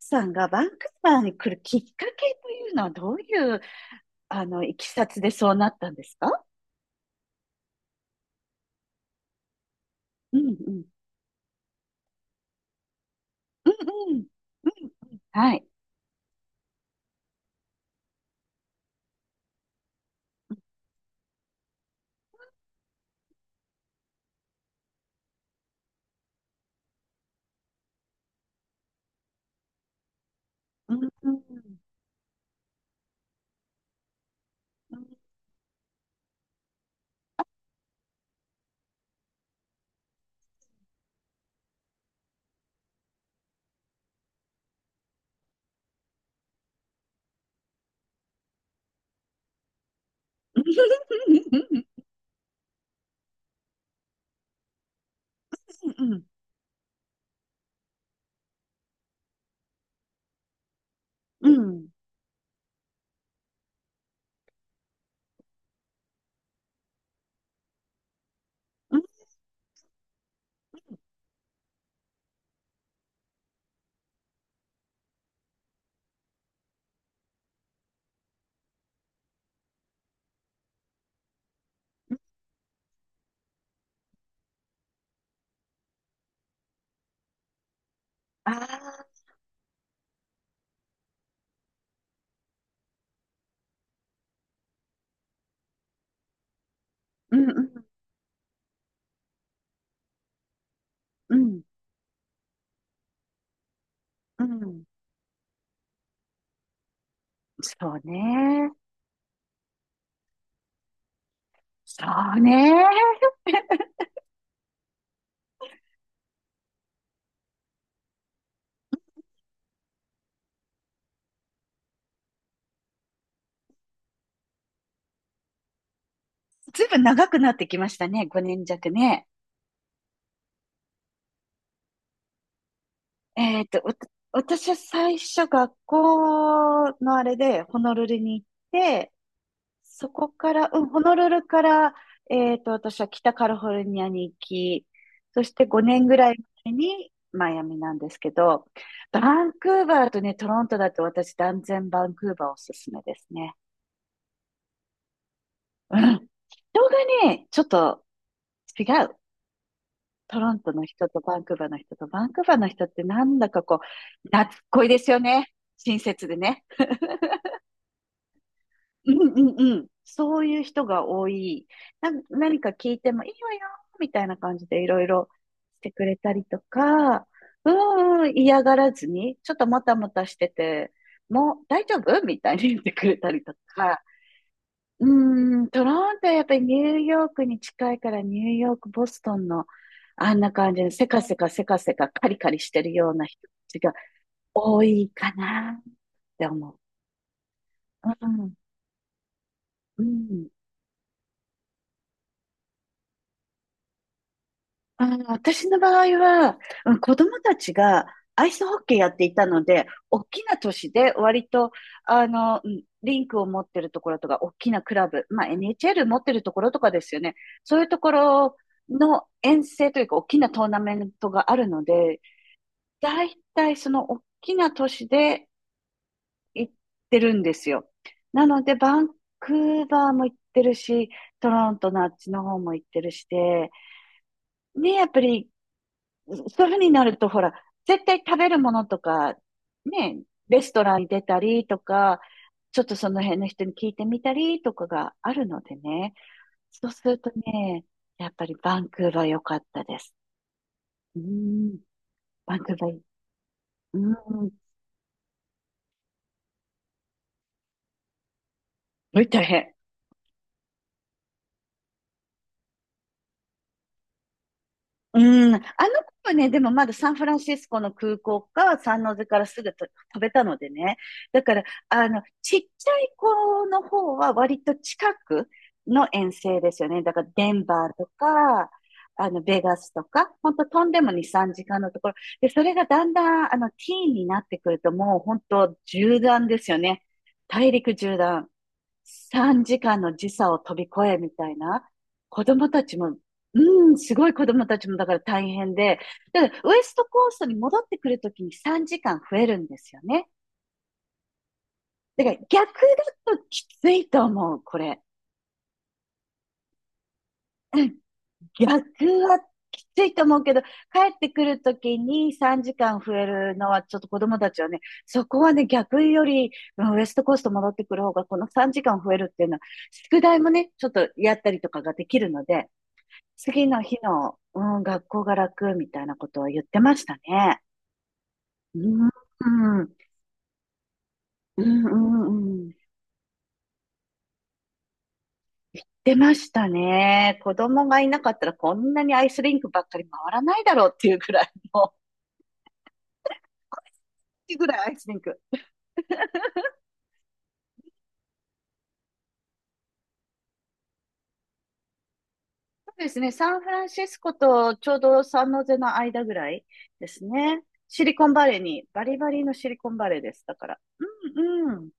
さんがバンクーバーに来るきっかけというのはどういう、いきさつでそうなったんですか？うんうん。うんうん。うんうん。はい。うんうん。うんうんうん。うんうん。ああ。うんうんうんうん。そうね。そうね。ずいぶん長くなってきましたね。5年弱ね。えっと、わた私は最初学校のあれでホノルルに行って、そこから、うん、ホノルルから、私は北カリフォルニアに行き、そして5年ぐらい前にマイアミなんですけど、バンクーバーとね、トロントだと私断然バンクーバーおすすめですね。うん。人がね、ちょっと違う。トロントの人とバンクーバーの人と、バンクーバーの人ってなんだかこう、懐っこいですよね。親切でね。うんうんうん。そういう人が多い。何か聞いてもいいわよ、みたいな感じでいろいろしてくれたりとか、うんうん、嫌がらずに、ちょっともたもたしてて、もう大丈夫みたいに言ってくれたりとか、うん、トロントはやっぱりニューヨークに近いからニューヨーク、ボストンのあんな感じでせかせかせかせかカリカリしてるような人たちが多いかなって思う。うん、うん。あー、私の場合は、うん子供たちがアイスホッケーやっていたので、大きな都市で割と、うんリンクを持ってるところとか、大きなクラブ、まあ NHL 持ってるところとかですよね。そういうところの遠征というか、大きなトーナメントがあるので、だいたいその大きな都市で行ってるんですよ。なので、バンクーバーも行ってるし、トロントのあっちの方も行ってるしで、ね、やっぱりそういうふうになると、ほら、絶対食べるものとか、ね、レストランに出たりとか、ちょっとその辺の人に聞いてみたりとかがあるのでね。そうするとね、やっぱりバンクーバー良かったです。うん、バンクーバーいい、うん、すごい大変。うん、あの子はね、でもまだサンフランシスコの空港か、サンノゼからすぐと飛べたのでね。だから、ちっちゃい子の方は割と近くの遠征ですよね。だから、デンバーとか、ベガスとか、ほんと飛んでも2、3時間のところ。で、それがだんだん、ティーンになってくると、もう本当縦断ですよね。大陸縦断。3時間の時差を飛び越えみたいな。子供たちも、うん、すごい子供たちもだから大変で。だからウエストコーストに戻ってくるときに3時間増えるんですよね。だから逆だときついと思う、これ。逆はきついと思うけど、帰ってくるときに3時間増えるのはちょっと子供たちはね、そこはね、逆より、うんウエストコースト戻ってくる方が、この3時間増えるっていうのは、宿題もね、ちょっとやったりとかができるので、次の日の、うん、学校が楽みたいなことを言ってましたね。うん、うん、うん、うん。出ましたね。子供がいなかったらこんなにアイスリンクばっかり回らないだろうっていうぐらいの、っていうぐらいアイスリンク。そうですね。サンフランシスコとちょうどサンノゼの間ぐらいですね。シリコンバレーに、バリバリのシリコンバレーです。だから。うん、うん、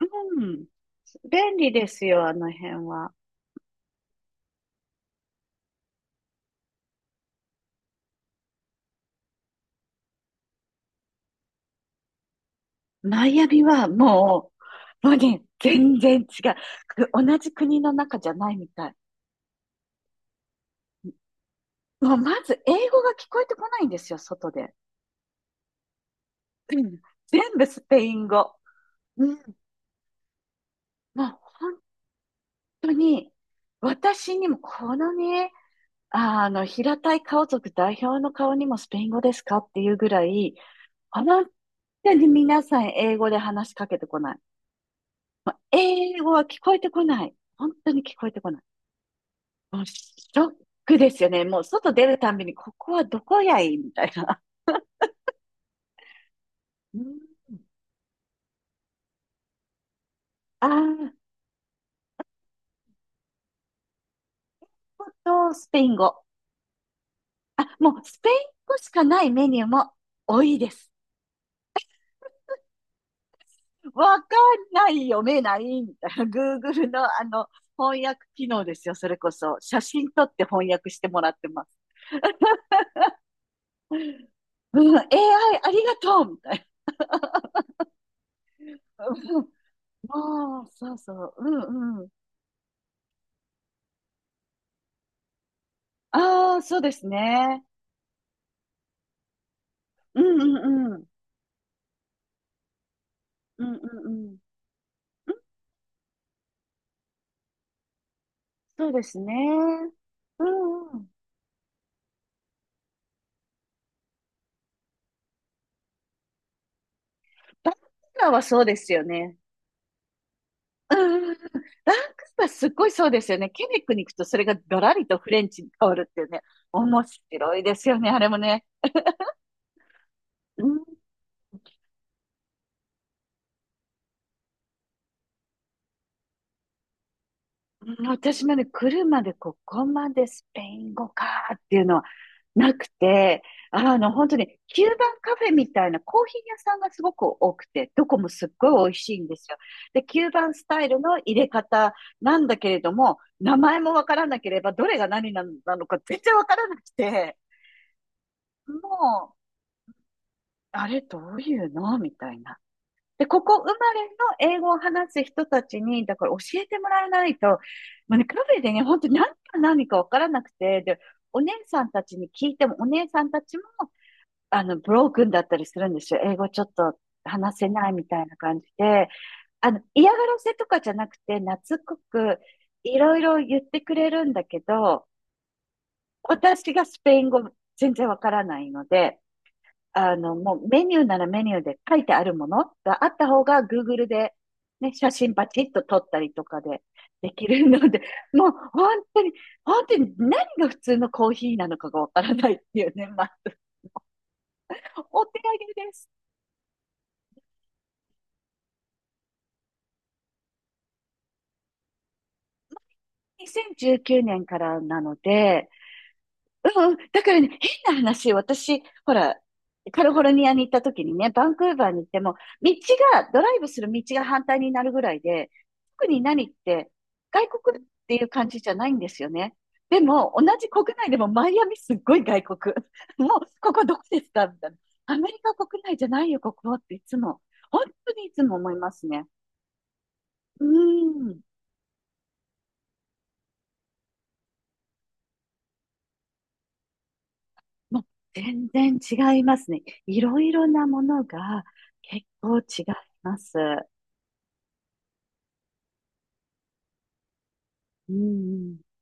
うん。便利ですよ、あの辺は。マイアミはもう、もうね、全然違う。く同じ国の中じゃないみたい。もうまず英語が聞こえてこないんですよ、外で。うん全部スペイン語。うん。もう本当に、私にもこのね、平たい顔族代表の顔にもスペイン語ですかっていうぐらい、本当に皆さん英語で話しかけてこない。もう英語は聞こえてこない。本当に聞こえてこない。もうショックですよね。もう外出るたんびに、ここはどこやいみたいな。うん、ああ、ほんとスペイン語。あ、もうスペイン語しかないメニューも多いです。わかんない、読めない、みたいな。Google の翻訳機能ですよ、それこそ。写真撮って翻訳してもらってます。うん、AI ありがとうみたいな。うんああ、そうそう。うんうん。ああ、そうですね。うんうんうん。うんうんうん。そうですね。うんうん。バンクーバーはそうですよね。うんうんうん。バンクーバーすっごいそうですよね。ケベックに行くとそれがガラリとフレンチに変わるっていうね。面白いですよね、あれもね。うん、うん私もね、来るまでここまでスペイン語かーっていうのはなくて、本当に、キューバンカフェみたいなコーヒー屋さんがすごく多くて、どこもすっごい美味しいんですよ。で、キューバンスタイルの入れ方なんだけれども、名前もわからなければ、どれが何ななのか全然わからなくて、もう、あれどういうのみたいな。で、ここ生まれの英語を話す人たちに、だから教えてもらえないと、もうね、カフェでね、本当に何かわからなくて、で、お姉さんたちに聞いても、お姉さんたちも、ブロークンだったりするんですよ。英語ちょっと話せないみたいな感じで。嫌がらせとかじゃなくて、懐っこくいろいろ言ってくれるんだけど、私がスペイン語全然わからないので、もうメニューならメニューで書いてあるものがあった方が Google で、ね、写真パチッと撮ったりとかでできるので、もう本当に、本当に何が普通のコーヒーなのかがわからないっていうね、まあ、お手上げです。2019年からなので、うんうん、だからね、変な話、私、ほら、カリフォルニアに行った時にね、バンクーバーに行っても、道が、ドライブする道が反対になるぐらいで、特に何って、外国っていう感じじゃないんですよね。でも、同じ国内でもマイアミすっごい外国。もう、ここどこですかみたいな。アメリカ国内じゃないよ、ここっていつも。本当にいつも思いますね。うん。もう全然違いますね。いろいろなものが結構違います。うんうん